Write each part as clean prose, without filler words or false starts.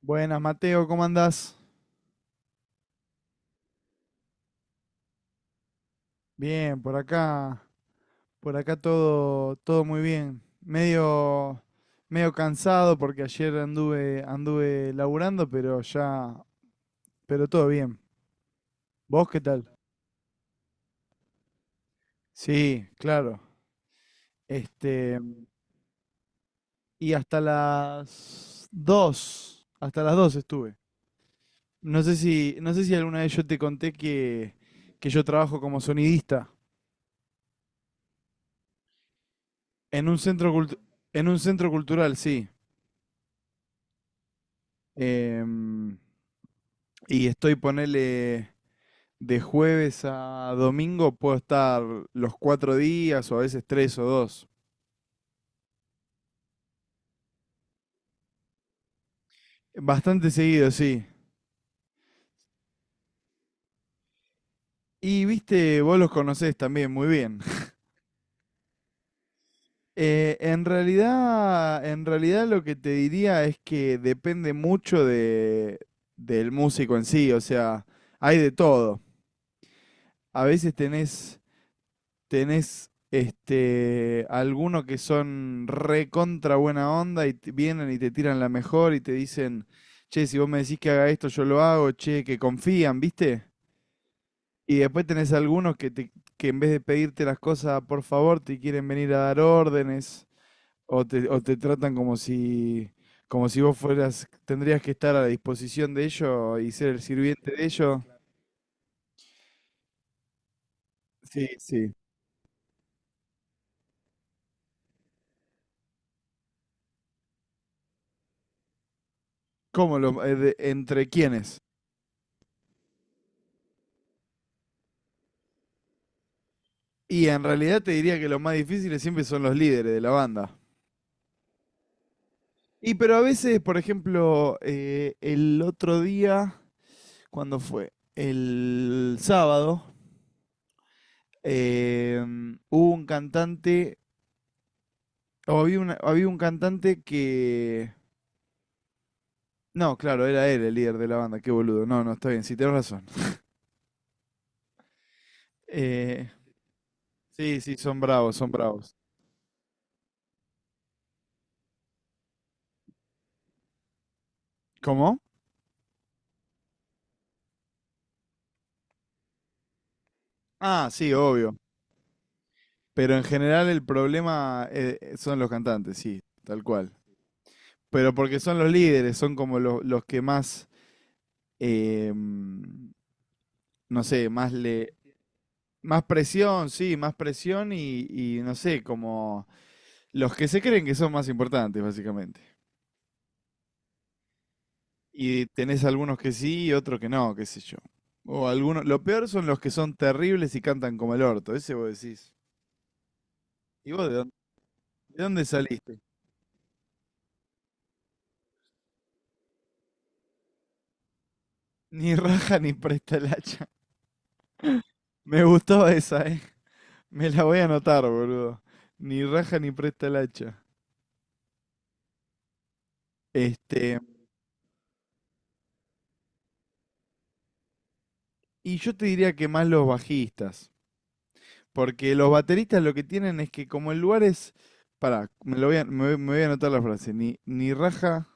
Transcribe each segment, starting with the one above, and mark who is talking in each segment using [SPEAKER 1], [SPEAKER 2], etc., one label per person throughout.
[SPEAKER 1] Buenas, Mateo, ¿cómo andás? Bien, por acá todo muy bien. Medio cansado porque ayer anduve laburando, pero todo bien. ¿Vos qué tal? Sí, claro. Este, y hasta las 2:00, estuve. No sé si alguna vez yo te conté que yo trabajo como sonidista en un centro cultu- en un centro cultural, sí. Em, Y estoy, ponele, de jueves a domingo, puedo estar los 4 días o a veces tres o dos. Bastante seguido, sí. Y viste, vos los conocés también muy bien. En en realidad lo que te diría es que depende mucho del músico en sí, o sea, hay de todo. A veces tenés algunos que son recontra buena onda y vienen y te tiran la mejor y te dicen, che, si vos me decís que haga esto, yo lo hago, che, que confían, ¿viste? Y después tenés algunos que en vez de pedirte las cosas, por favor, te quieren venir a dar órdenes o te tratan como si vos fueras, tendrías que estar a la disposición de ellos y ser el sirviente de ellos. Sí, sí. ¿Entre quiénes? Y en realidad te diría que los más difíciles siempre son los líderes de la banda. Y pero a veces, por ejemplo, el otro día, ¿cuando fue? El sábado. eh, Hubo un cantante, o había un cantante que... No, claro, era él el líder de la banda, qué boludo. No, no, está bien, sí, tenés razón. Eh, sí, sí, son bravos, son bravos. ¿Cómo? Ah, sí, obvio. Pero en general el problema son los cantantes, sí, tal cual. Pero porque son los líderes, son como los que más, no sé, más le... Más presión, sí, más presión y no sé, como los que se creen que son más importantes, básicamente. Y tenés algunos que sí y otros que no, qué sé yo. O algunos, lo peor son los que son terribles y cantan como el orto, ese vos decís. ¿Y vos de dónde saliste? Ni raja ni presta el hacha. Me gustó esa, eh. Me la voy a anotar, boludo. Ni raja ni presta el hacha. Este, Y yo te diría que más los bajistas, porque los bateristas lo que tienen es que como el lugar es, pará, me voy a anotar la frase, ni raja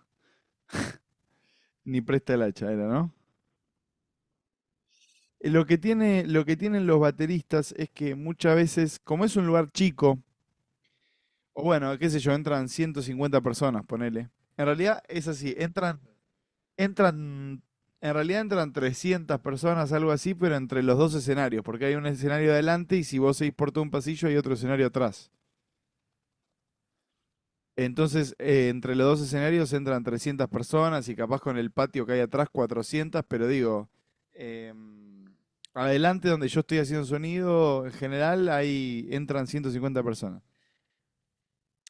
[SPEAKER 1] ni presta el hacha, era, ¿no? Lo que tienen los bateristas es que muchas veces, como es un lugar chico, o bueno, qué sé yo, entran 150 personas, ponele. En realidad es así, entran, en realidad entran 300 personas, algo así, pero entre los dos escenarios, porque hay un escenario adelante y si vos seguís por todo un pasillo hay otro escenario atrás. Entonces, entre los dos escenarios entran 300 personas y capaz con el patio que hay atrás 400, pero digo, em, adelante donde yo estoy haciendo sonido, en general ahí entran 150 personas.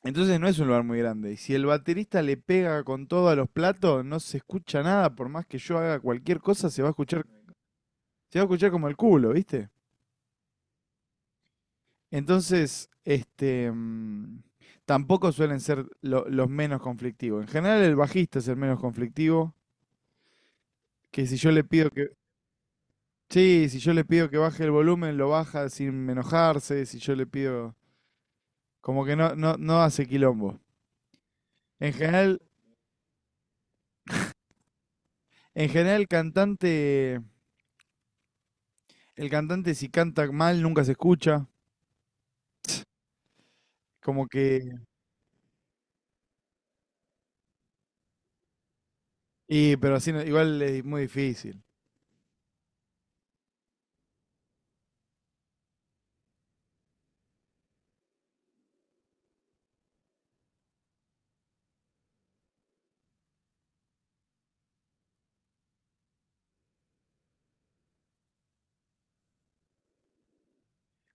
[SPEAKER 1] Entonces no es un lugar muy grande. Y si el baterista le pega con todo a los platos, no se escucha nada, por más que yo haga cualquier cosa, se va a escuchar, como el culo, ¿viste? Entonces, tampoco suelen ser los menos conflictivos. En general el bajista es el menos conflictivo. Que si yo le pido que, Sí, si yo le pido que baje el volumen, lo baja sin enojarse. Si yo le pido, como que no hace quilombo. En general, en general el cantante, si canta mal nunca se escucha, como que, y pero así no- igual es muy difícil.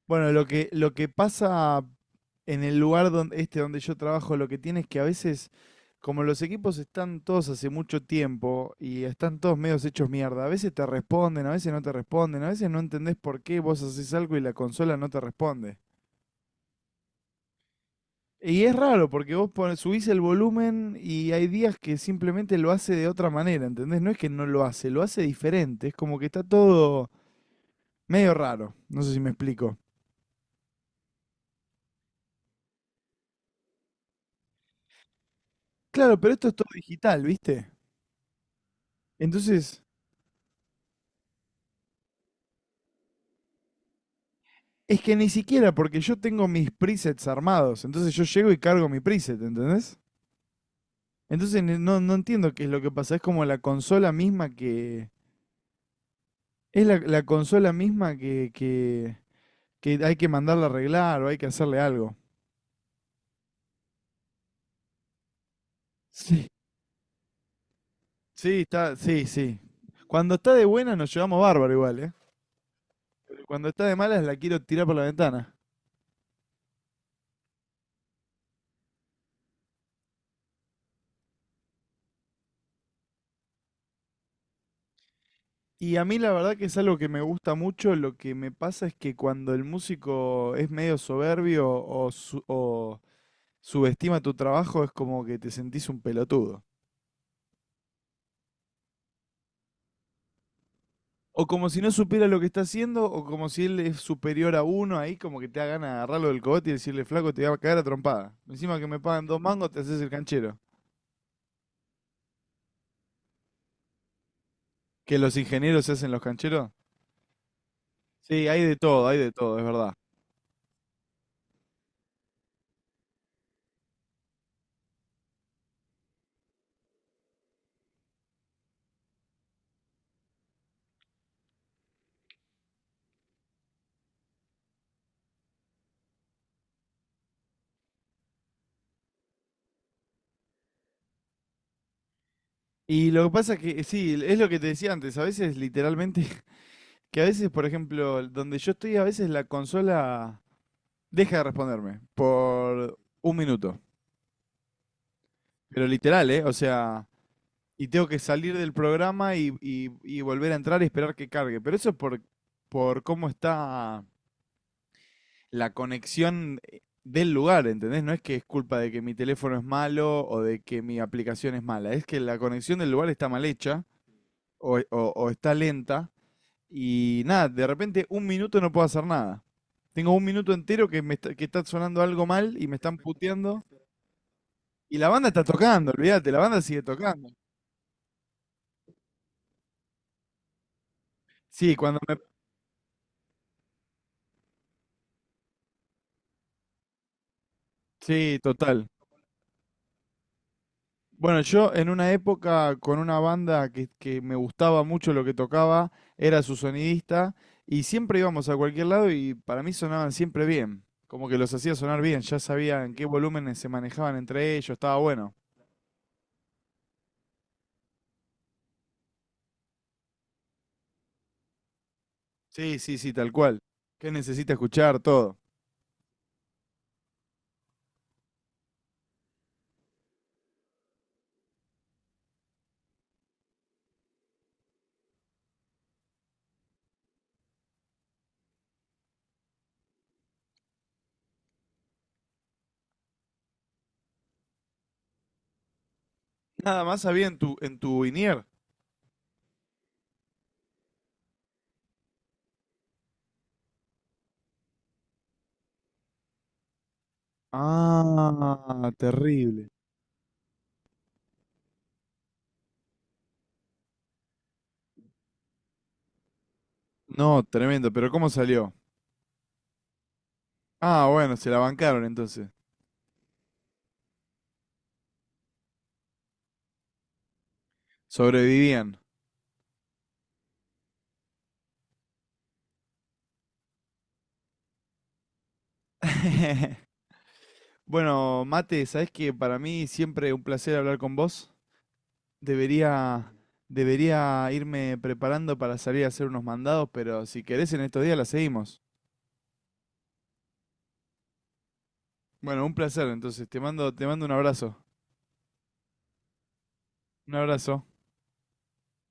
[SPEAKER 1] Bueno, lo que pasa en el lugar donde, donde yo trabajo, lo que tiene es que a veces, como los equipos están todos hace mucho tiempo y están todos medios hechos mierda, a veces te responden, a veces no te responden, a veces no entendés por qué vos haces algo y la consola no te responde. Y es raro porque vos subís el volumen y hay días que simplemente lo hace de otra manera, ¿entendés? No es que no lo hace, lo hace diferente, es como que está todo medio raro, no sé si me explico. Claro, pero esto es todo digital, ¿viste? Entonces... Es que ni siquiera, porque yo tengo mis presets armados. Entonces yo llego y cargo mi preset, ¿entendés? Entonces no entiendo qué es lo que pasa. Es como la consola misma que. Es la consola misma que hay que mandarla a arreglar o hay que hacerle algo. Sí. Sí, está, sí, sí. Cuando está de buena nos llevamos bárbaro igual, ¿eh? Pero cuando está de malas la quiero tirar por la ventana. Y a mí la verdad que es algo que me gusta mucho, lo que me pasa es que cuando el músico es medio soberbio o, subestima tu trabajo es como que te sentís un pelotudo. O como si no supiera lo que está haciendo, o como si él es superior a uno, ahí como que te da ganas de agarrarlo del cogote y decirle, flaco, te voy a caer a trompada. Encima que me pagan dos mangos, te haces el canchero. ¿Que los ingenieros se hacen los cancheros? Sí, hay de todo, es verdad. Y lo que pasa es que, sí, es lo que te decía antes, a veces literalmente. Que a veces, por ejemplo, donde yo estoy, a veces la consola deja de responderme por un minuto. Pero literal, ¿eh? O sea, y tengo que salir del programa y volver a entrar y esperar que cargue. Pero eso es por cómo está la conexión del lugar, ¿entendés? No es que es culpa de que mi teléfono es malo o de que mi aplicación es mala. Es que la conexión del lugar está mal hecha o, o- o está lenta. Y nada, de repente un minuto no puedo hacer nada. Tengo un minuto entero que está sonando algo mal y me están puteando. Y la banda está tocando, olvídate, la banda sigue tocando. Sí, cuando me... Sí, total. Bueno, yo en una época con una banda que me gustaba mucho lo que tocaba, era su sonidista, y siempre íbamos a cualquier lado y para mí sonaban siempre bien. Como que los hacía sonar bien, ya sabía en qué volúmenes se manejaban entre ellos, estaba bueno. Sí, sí, sí, tal cual. ¿Qué necesita escuchar? Todo. Nada más había en en tu INIER. Ah, terrible. No, tremendo, pero ¿cómo salió? Ah, bueno, se la bancaron entonces. Sobrevivían. Bueno, Mate, ¿sabes que para mí siempre un placer hablar con vos? Debería, Debería irme preparando para salir a hacer unos mandados, pero si querés en estos días la seguimos. Bueno, un placer, entonces te mando un abrazo. Un abrazo.